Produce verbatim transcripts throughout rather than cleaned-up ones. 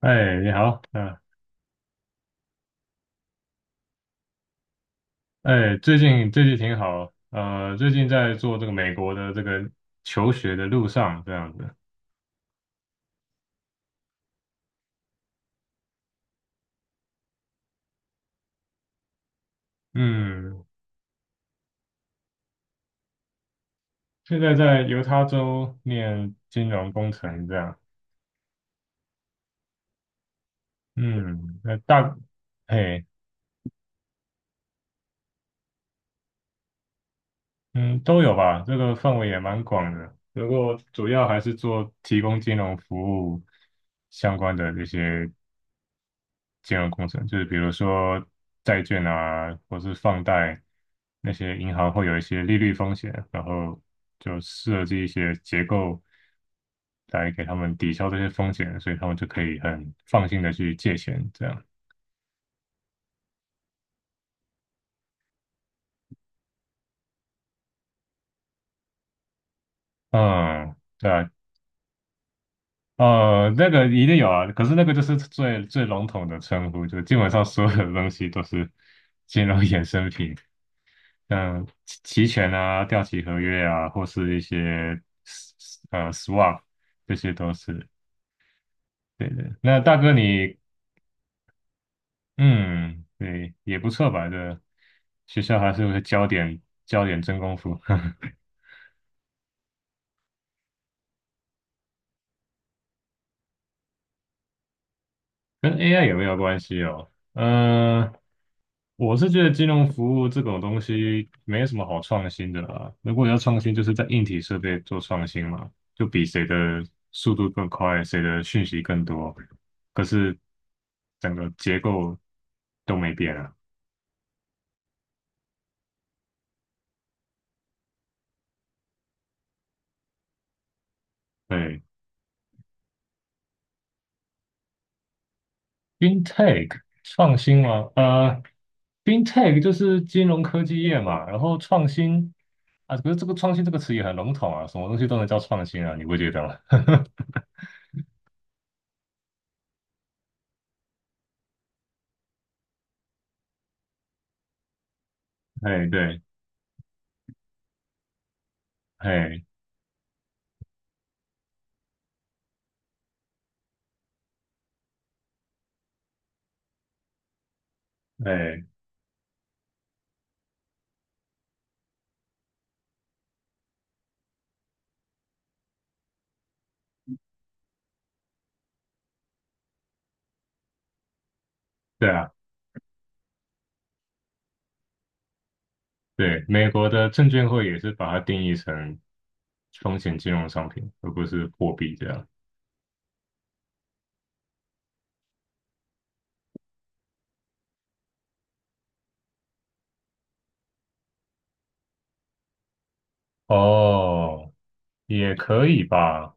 哎，你好，嗯、哎，最近最近挺好，呃，最近在做这个美国的这个求学的路上，这样子。嗯，现在在犹他州念金融工程，这样。嗯，那大，哎，嗯，都有吧，这个范围也蛮广的，不过主要还是做提供金融服务相关的这些金融工程，就是比如说债券啊，或是放贷，那些银行会有一些利率风险，然后就设计一些结构来给他们抵消这些风险，所以他们就可以很放心的去借钱，这样。嗯，对啊。呃，那个一定有啊，可是那个就是最最笼统的称呼，就基本上所有的东西都是金融衍生品。嗯，期期权啊、掉期合约啊，或是一些 s- s- 呃 swap,这些都是对的。那大哥你，嗯，对，也不错吧？这学校还是有个焦点教点真功夫。跟 A I 有没有关系哦？嗯，我是觉得金融服务这种东西没什么好创新的啦。如果要创新，就是在硬体设备做创新嘛，就比谁的速度更快，谁的讯息更多。可是整个结构都没变啊。对，FinTech 创新嘛，呃，FinTech 就是金融科技业嘛，然后创新啊，可是这个创新这个词也很笼统啊，什么东西都能叫创新啊，你不觉得吗？哎，对。哎。哎，对啊。对，美国的证券会也是把它定义成风险金融商品，而不是货币这样。哦，也可以吧，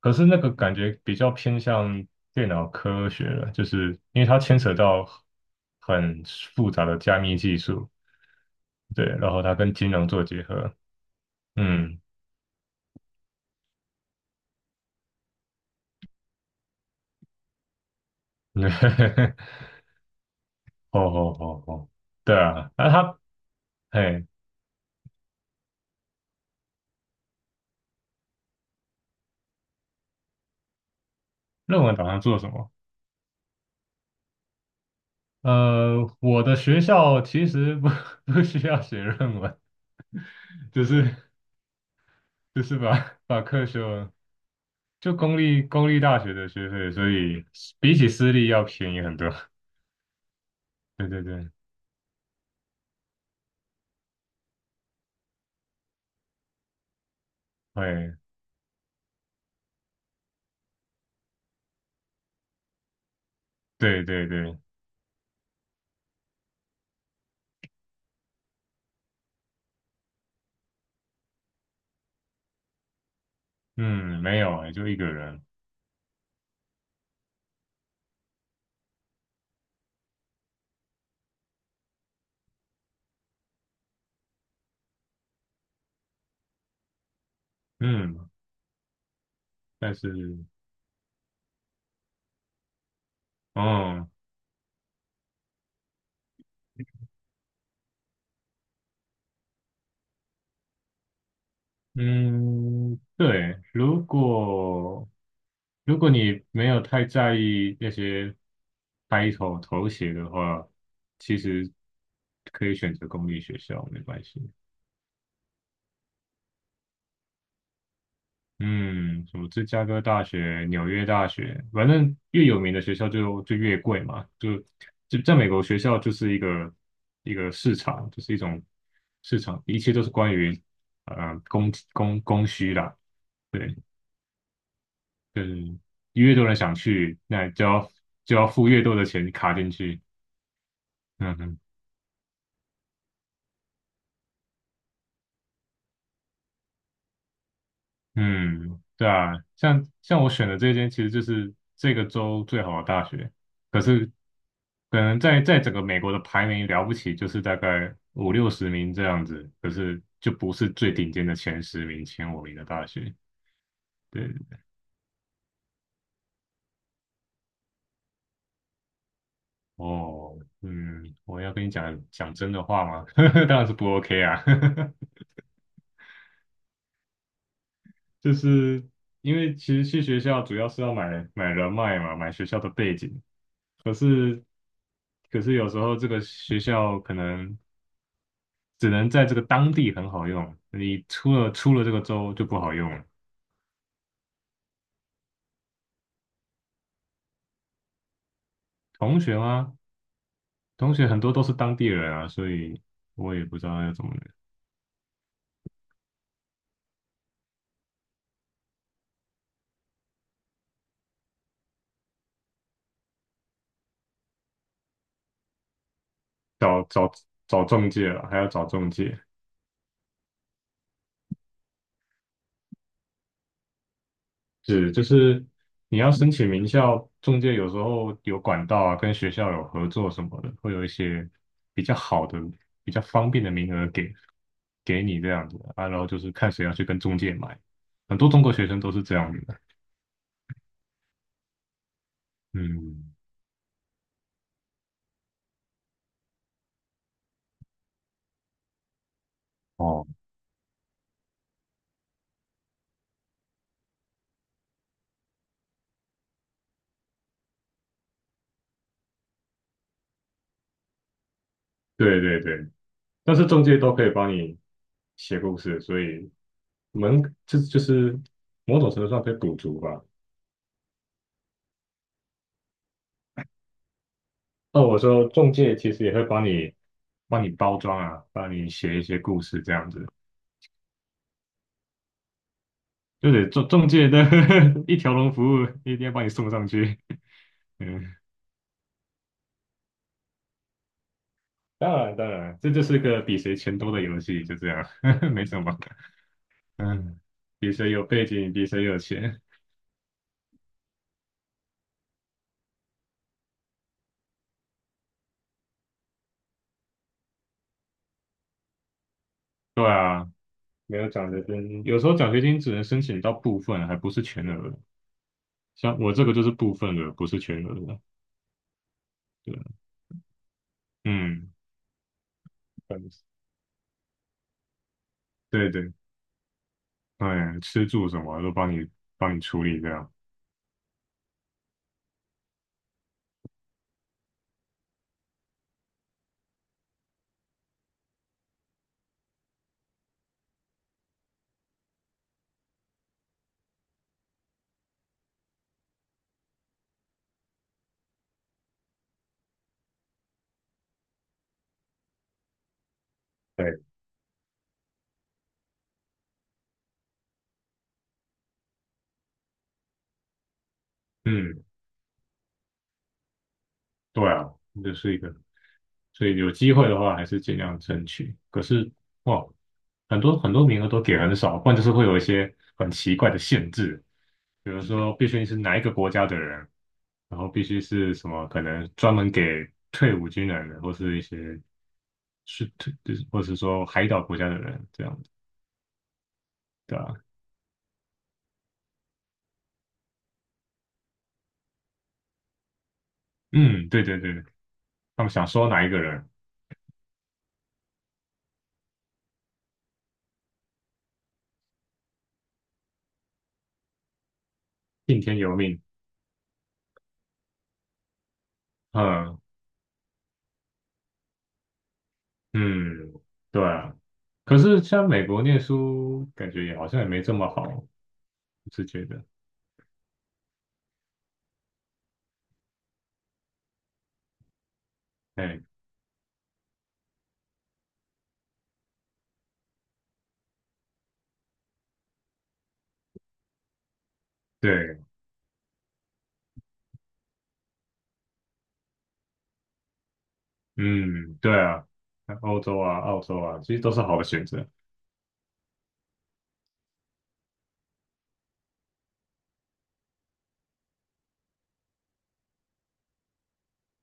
可是那个感觉比较偏向电脑科学了，就是因为它牵扯到很复杂的加密技术，对，然后它跟金融做结合。嗯。哦哦哦哦，对啊，那他，哎，论文打算做什么？呃，我的学校其实不 不需要写论文，就是就是把把课修，就公立公立大学的学费，所以比起私立要便宜很多。对对对。会，对对对。嗯，没有哎，就一个人。嗯。但是。哦。嗯，对，如果如果你没有太在意那些 title 头衔的话，其实可以选择公立学校，没关系。嗯，什么芝加哥大学、纽约大学，反正越有名的学校就就越贵嘛，就就在美国学校就是一个一个市场，就是一种市场，一切都是关于呃供供供需啦。对。就是越多人想去，那就要就要付越多的钱卡进去。嗯哼。嗯，对啊，像像我选的这间，其实就是这个州最好的大学，可是可能在在整个美国的排名了不起，就是大概五六十名这样子，可是就不是最顶尖的前十名、前五名的大学。对。哦。嗯，我要跟你讲讲真的话吗？当然是不 OK 啊。就是因为其实去学校主要是要买买人脉嘛，买学校的背景。可是。可是有时候这个学校可能只能在这个当地很好用，你出了出了这个州就不好用了。同学吗？同学很多都是当地人啊，所以我也不知道要怎么找找找中介了，还要找中介。是，就是你要申请名校，中介有时候有管道啊，跟学校有合作什么的，会有一些比较好的、比较方便的名额给给你这样子啊，然后就是看谁要去跟中介买，很多中国学生都是这样子的。嗯。哦，对对对，但是中介都可以帮你写故事，所以我们这就是某种程度上可以补足吧。那我说中介其实也会帮你帮你包装啊，帮你写一些故事这样子。就得中中介的 一条龙服务，一定要把你送上去。嗯，当然当然，这就是个比谁钱多的游戏，就这样，没什么。嗯，比谁有背景，比谁有钱。对啊，没有奖学金，有时候奖学金只能申请到部分，还不是全额。像我这个就是部分额，不是全额的。对啊。嗯。对对，哎，吃住什么都帮你帮你处理这样。对。嗯。对啊，这是一个，所以有机会的话还是尽量争取。可是哇，很多很多名额都给很少，不然就是会有一些很奇怪的限制，比如说必须是哪一个国家的人，然后必须是什么可能专门给退伍军人的，或是一些是退，就是或是说海岛国家的人这样子。对啊。嗯，对对对，他们想收哪一个人。听天由命。嗯，嗯，对啊。可是像美国念书，感觉也好像也没这么好，我是觉得，哎，对。嗯，对啊，像欧洲啊、澳洲啊，其实都是好的选择。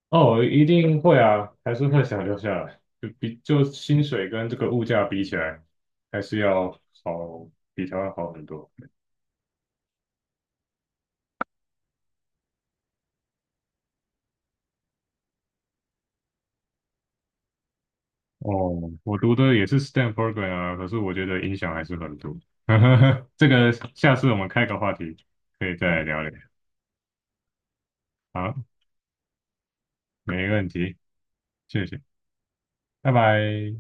哦，一定会啊，还是会想留下来，就比就薪水跟这个物价比起来，还是要好，比台湾好很多。哦，我读的也是 S T E M program 啊，可是我觉得影响还是很多。这个下次我们开个话题，可以再来聊聊。好，没问题。谢谢，拜拜。